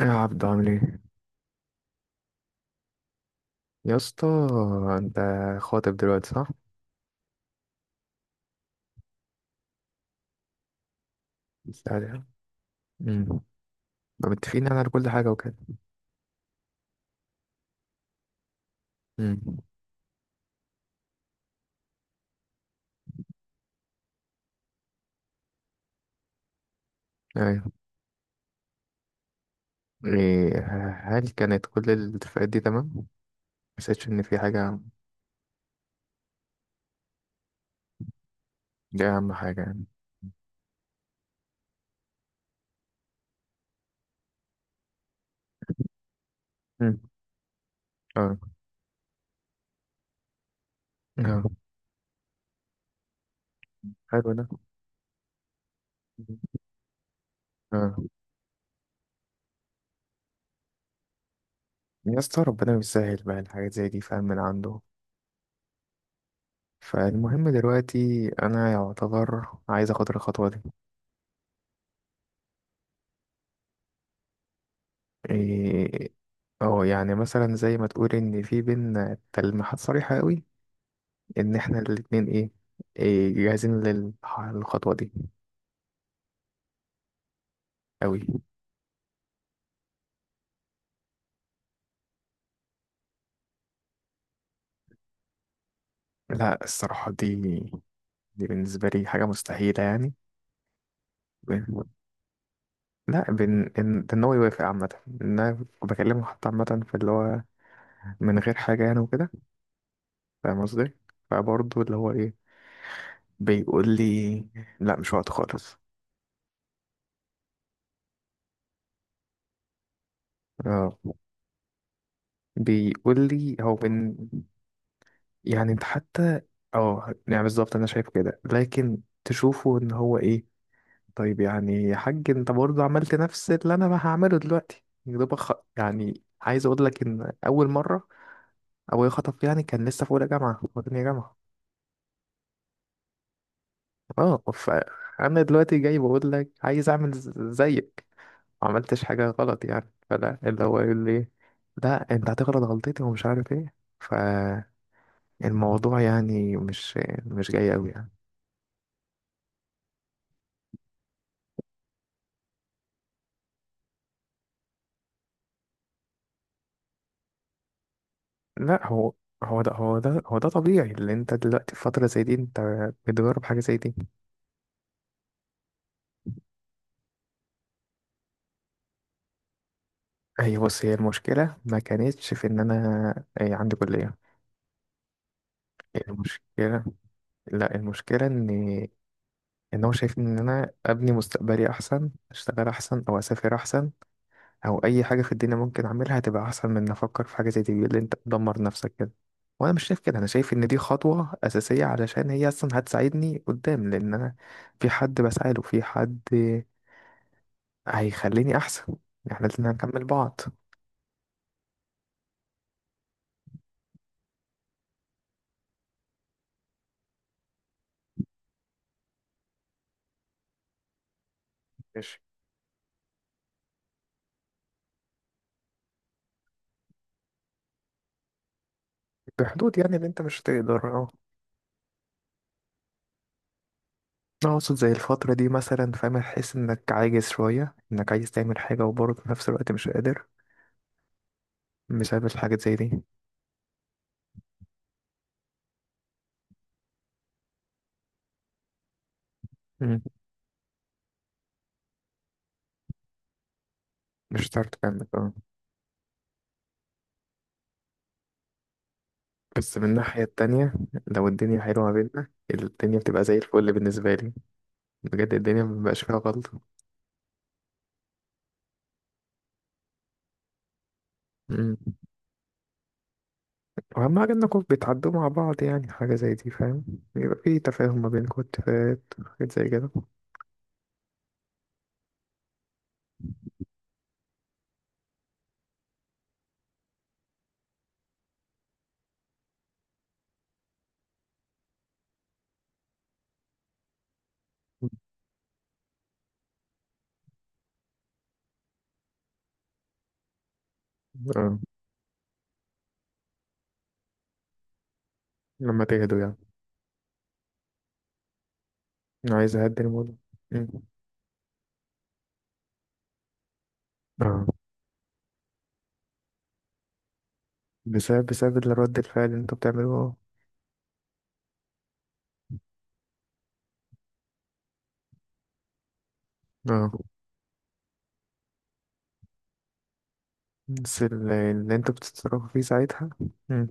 يا عبد، عامل ايه؟ يا اسطى. انت خاطب دلوقتي، صح؟ سأل- امم فمتفقين يعني على كل حاجه وكده؟ امم ايوه. ايه؟ هل كانت كل الاتفاقات دي تمام؟ ما حسيتش ان في حاجه؟ دي اهم حاجه يعني. امم اه، اه، حلو ده. مم. اه. يا اسطى، ربنا يسهل بقى الحاجات زي دي، فاهم، من عنده. فالمهم دلوقتي انا يعتبر عايز اخد الخطوه دي. إيه. اه، يعني مثلا زي ما تقول ان في بينا تلميحات صريحه قوي، ان احنا الاتنين ايه، إيه جاهزين للخطوة دي. قوي. لا، الصراحة دي، بالنسبة لي حاجة مستحيلة يعني. ب- لا بن ان ده ان هو يوافق عامة، ان انا بكلمه حتى عامة في اللي هو من غير حاجة يعني وكده. فاهم قصدي؟ فبرضه اللي هو ايه، بيقول لي لا، مش وقت خالص. اه. بيقول لي هو من، يعني انت حتى، اه يعني بالظبط انا شايف كده، لكن تشوفه ان هو ايه. طيب يعني يا حاج، انت برضه عملت نفس اللي انا ما هعمله دلوقتي، يا دوبك يعني عايز اقول لك ان اول مره ابويا خطب يعني كان لسه في اولى جامعه وتانية جامعه. اه، فانا دلوقتي جاي بقول لك عايز اعمل زيك. ما عملتش حاجه غلط يعني، فلا اللي هو يقول لي لا انت هتغلط غلطتي ومش عارف ايه. فالموضوع يعني مش جاي قوي يعني. لا، هو هو ده طبيعي، اللي انت دلوقتي في فتره زي دي انت بتجرب حاجه زي دي. أي، بص، هي المشكلة ما كانتش في إن أنا أي عندي كلية. المشكلة، لا، المشكلة إن هو شايف إن أنا أبني مستقبلي أحسن، أشتغل أحسن، أو أسافر أحسن، أو أي حاجة في الدنيا ممكن أعملها هتبقى أحسن من إن أفكر في حاجة زي دي. بيقول لي أنت بتدمر نفسك كده، وأنا مش شايف كده. أنا شايف إن دي خطوة أساسية علشان هي أصلا هتساعدني قدام، لأن أنا في حد بسعى له، في حد هيخليني أحسن. إحنا لازم نكمل بعض. ماشي. بحدود يعني اللي أنت مش تقدر. أنا أقصد زي الفترة دي مثلا، فاهم، تحس إنك عاجز شوية إنك عايز تعمل حاجة وبرضه في نفس الوقت مش قادر، بسبب الحاجات زي دي. مم. مش هتعرف تكمل، اه. بس من الناحية التانية، لو الدنيا حلوة ما بيننا، الدنيا بتبقى زي الفل بالنسبة لي. بجد الدنيا مبيبقاش فيها غلطة. مم. وأهم حاجة إنكم بتعدوا مع بعض، يعني حاجة زي دي، فاهم. يبقى في تفاهم ما بينكم، اتفاقات، حاجات زي كده. اه، لما تهدوا يعني. أنا عايز أهدي الموضوع. مم. اه، بسبب الرد الفعل اللي انتوا بتعملوه. اه، بس اللي انتوا بتتصرفوا فيه ساعتها. مم.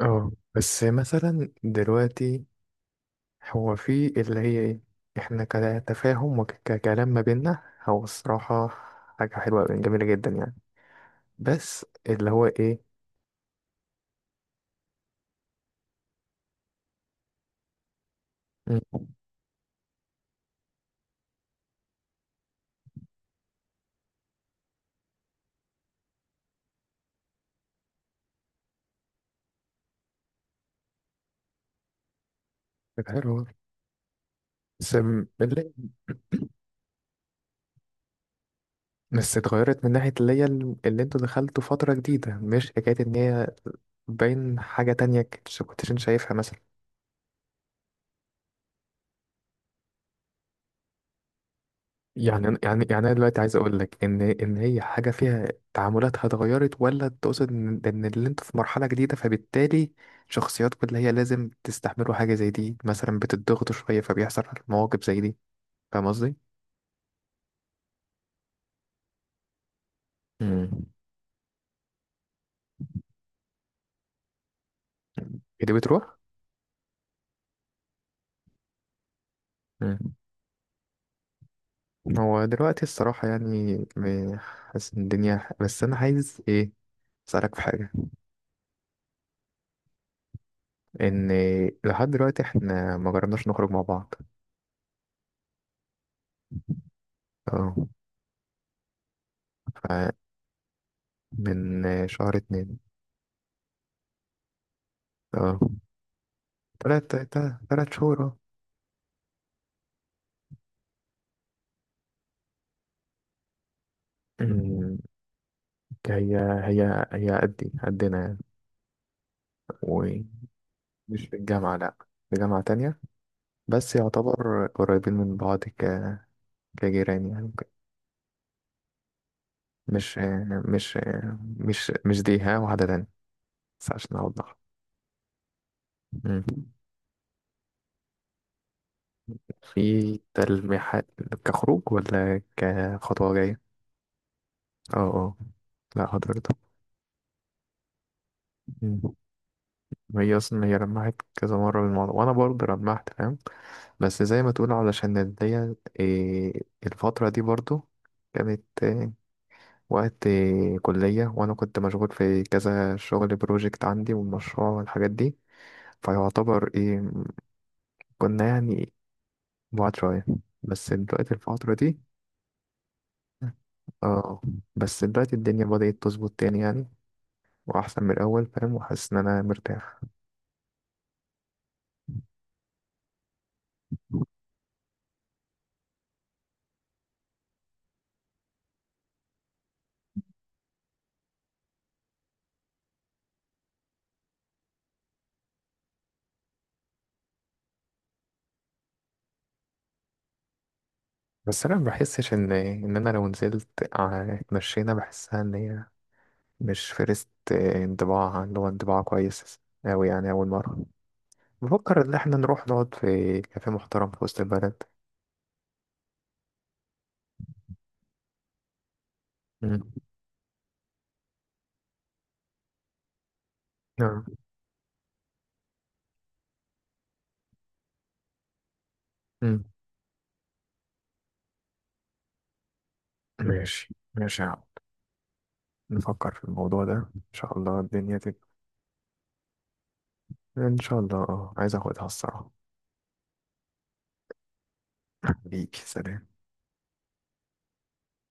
اه، بس مثلا دلوقتي هو في اللي هي ايه، احنا كتفاهم وككلام ما بينا، هو الصراحة حاجة حلوة جميلة جدا يعني. بس اللي هو ايه. مم. كانت حلوة. بس اللي، بس اتغيرت من ناحية اللي هي اللي انتوا دخلتوا فترة جديدة، مش حكاية ان هي باين حاجة تانية كنتش انت شايفها مثلا. يعني يعني انا دلوقتي عايز اقول لك ان ان هي حاجه فيها تعاملاتها اتغيرت، ولا تقصد ان اللي انت في مرحله جديده، فبالتالي شخصياتكم اللي هي لازم تستحملوا حاجه زي دي، مثلا بتضغطوا شويه، فبيحصل مواقف زي دي. فاهم قصدي؟ امم هي دي بتروح. امم هو دلوقتي الصراحه يعني حاسس ان الدنيا، بس انا عايز ايه، اسالك في حاجه. ان لحد دلوقتي احنا ما جربناش نخرج مع بعض. اه. فمن شهر اتنين. اه. تلات تلات تلات شهور، اه. أمم، هي هي قدي قدنا يعني، ومش في الجامعة، لأ. في جامعة تانية، بس يعتبر قريبين من بعض، كجيران يعني وكده. مش مش مش دي، ها، واحدة تانية. بس عشان أوضح. أمم. في تلميحات كخروج ولا كخطوة جاية؟ اه، اه، لا حضرتك. أمم. هي أصلا، هي لمحت كذا مرة بالموضوع، وأنا برضه لمحت، فاهم. بس زي ما تقول علشان الدي إيه، الفترة دي برضو كانت إيه وقت إيه، كلية، وأنا كنت مشغول في كذا شغل، بروجكت عندي والمشروع والحاجات دي، فيعتبر إيه كنا يعني بعاد شوية. بس دلوقتي الفترة دي، اه، بس دلوقتي الدنيا بدأت تظبط تاني يعني، وأحسن من الأول، فاهم، وحاسس إن أنا مرتاح. بس أنا ما بحسش إن أنا لو نزلت اتمشينا، بحسها إن هي مش فرست انطباع اللي هو انطباع كويس أوي يعني أول مرة. بفكر إن احنا نروح نقعد في كافيه محترم في وسط البلد. مم. آه. مم. ماشي، ماشي، يا عم. نفكر في الموضوع ده، إن شاء الله الدنيا إن شاء الله، اه، عايز أخدها الصراحة. بيك سلام.